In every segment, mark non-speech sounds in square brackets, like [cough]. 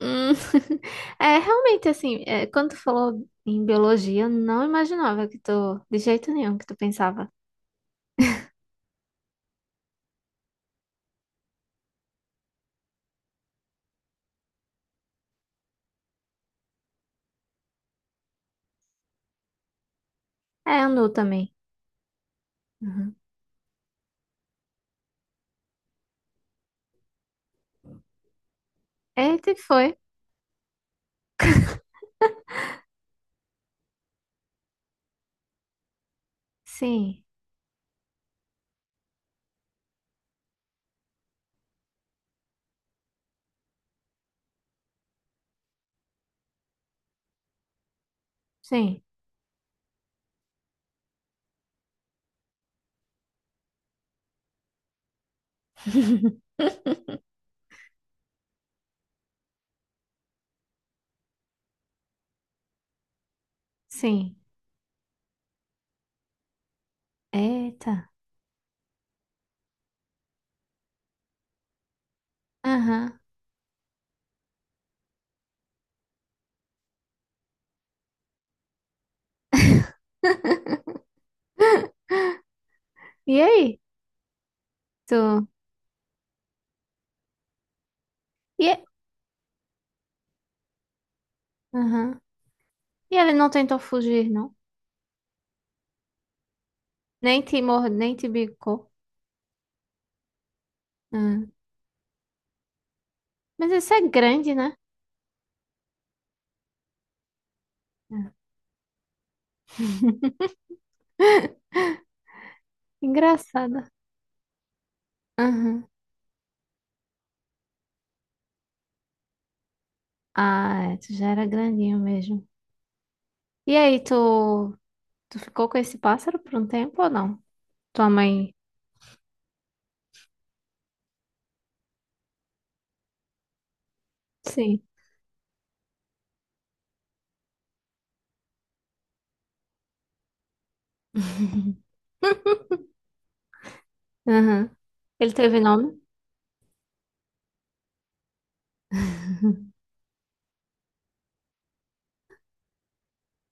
Hum, [laughs] é realmente assim, é, quando tu falou em biologia, eu não imaginava que tu, de jeito nenhum que tu pensava. É, anu também. Uhum. Eita, e foi. Sim, sim, [laughs] sim. Eita. Aham. [laughs] E aí, tu? E, aham. E ele não tentou fugir, não? Nem te mor... nem te bicou. Hum. Mas isso é grande, né? Ah. [laughs] Engraçada. Ah, é, tu já era grandinho mesmo. E aí, tu ficou com esse pássaro por um tempo ou não? Tua mãe? Sim. [laughs] Aham. Ele teve nome?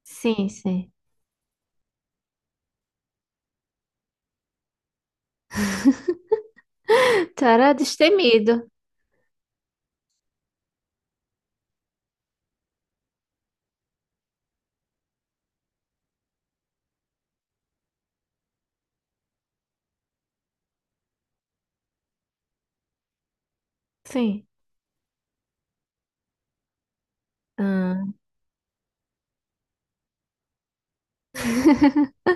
Sim, sim. Tu era destemido. Sim. Ah. [laughs]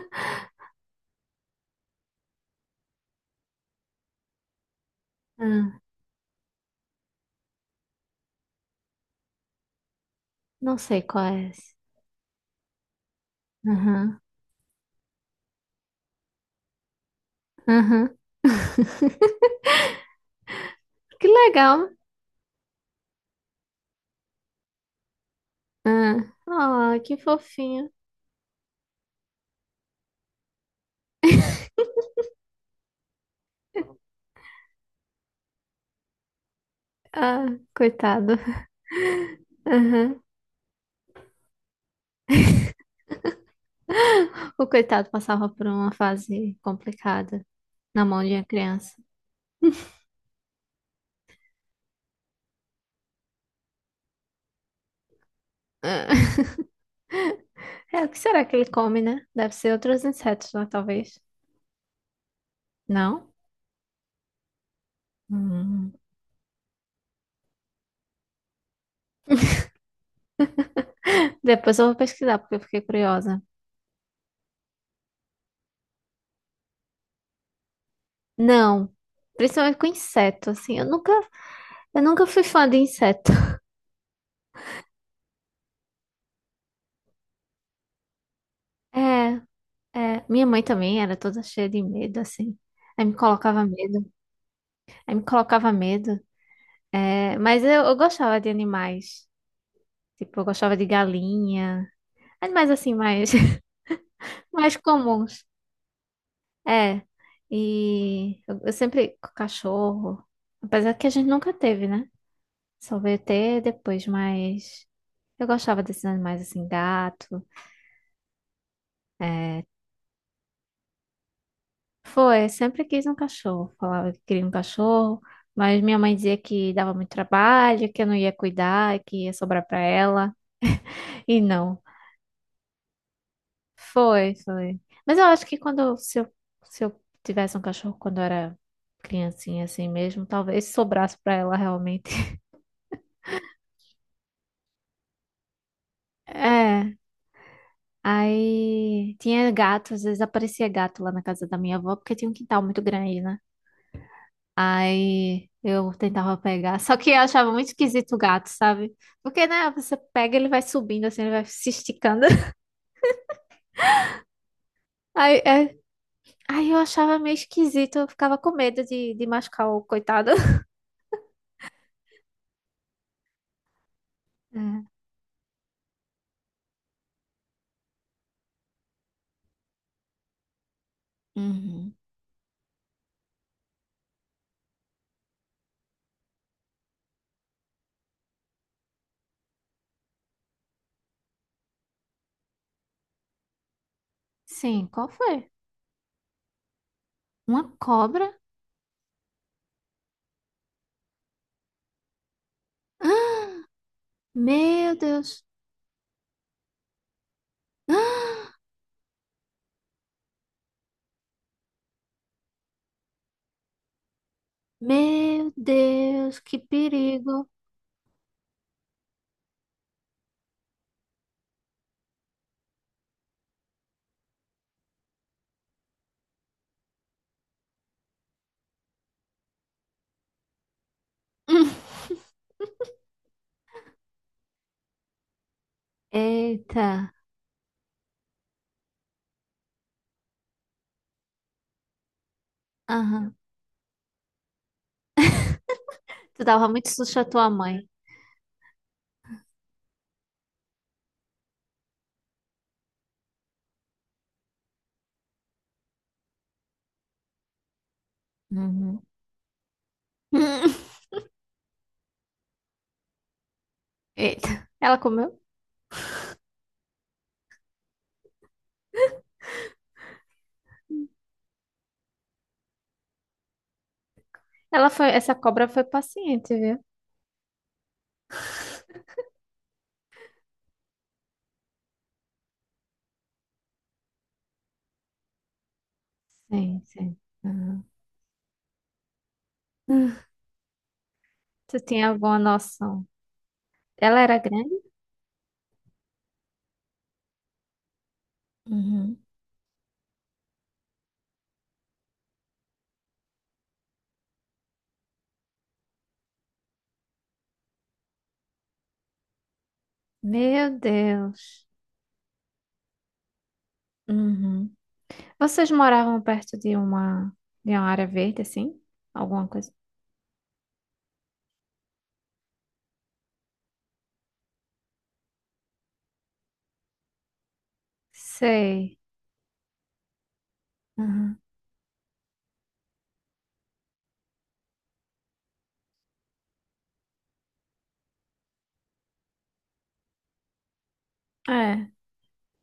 Ah, não sei qual é esse. Aham, aham. Que legal. Ah, ah, que fofinho. Ah, coitado. Aham. O coitado passava por uma fase complicada na mão de uma criança. É, o que será que ele come, né? Deve ser outros insetos, né, talvez. Não? Hum. Depois eu vou pesquisar, porque eu fiquei curiosa. Não, principalmente com inseto, assim. Eu nunca fui fã de inseto. [laughs] É, é. Minha mãe também era toda cheia de medo, assim. Aí me colocava medo. Aí me colocava medo. É, eu gostava de animais. Tipo, eu gostava de galinha. Animais, assim, mais, [laughs] mais comuns. É, eu sempre com cachorro, apesar que a gente nunca teve, né? Só veio ter depois, mas eu gostava desses animais assim, gato. É, foi, sempre quis um cachorro. Falava que queria um cachorro, mas minha mãe dizia que dava muito trabalho, que eu não ia cuidar, que ia sobrar pra ela. E não, foi, foi. Mas eu acho que quando, se eu, se eu tivesse um cachorro quando eu era criancinha assim mesmo, talvez sobrasse pra ela realmente. [laughs] É. Aí tinha gato, às vezes aparecia gato lá na casa da minha avó, porque tinha um quintal muito grande, né? Aí eu tentava pegar, [laughs] só que eu achava muito esquisito o gato, sabe? Porque, né, você pega, ele vai subindo assim, ele vai se esticando. [laughs] Aí, é- aí eu achava meio esquisito, eu ficava com medo de machucar o coitado. [laughs] É. Uhum. Sim, qual foi? Uma cobra? [gasps] Ah, meu Deus! [gasps] Meu Deus, que perigo! [laughs] Eita! Aham. Tu dava muito susto à tua mãe. Uhum. [laughs] Eita. Ela comeu? Ela foi, essa cobra foi paciente, viu? Sim, sim. Uhum. [sighs] Tu tinha alguma noção? Ela era grande? Uhum. Meu Deus. Uhum. Vocês moravam perto de uma área verde, assim? Alguma coisa? Sei. Uhum. É,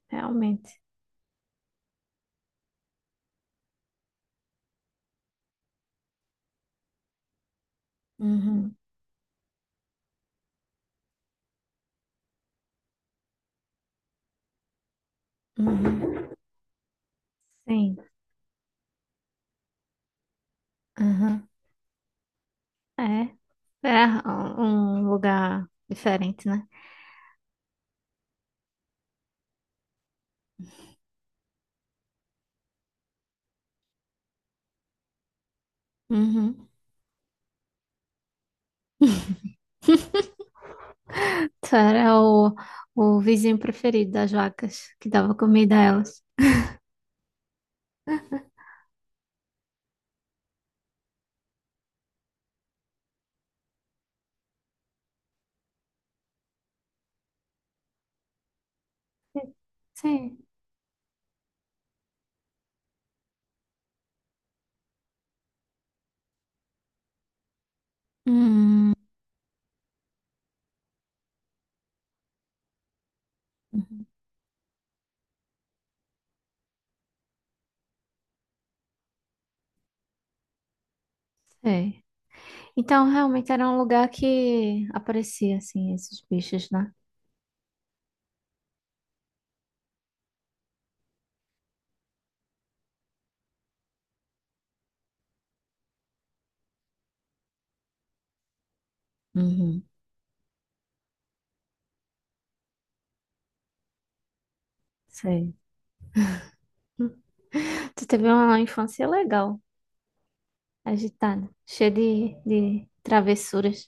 realmente. Uhum. Uhum. Sim. Aham. É. É um lugar diferente, né? Uhum. [laughs] Tu era o, o vizinho preferido das vacas, que dava comida a elas. Sim. Hum. Uhum. Sei. Então, realmente era um lugar que aparecia, assim, esses bichos, né? Uhum. Sei. Hum, Tu teve uma infância legal, agitada, cheia de travessuras.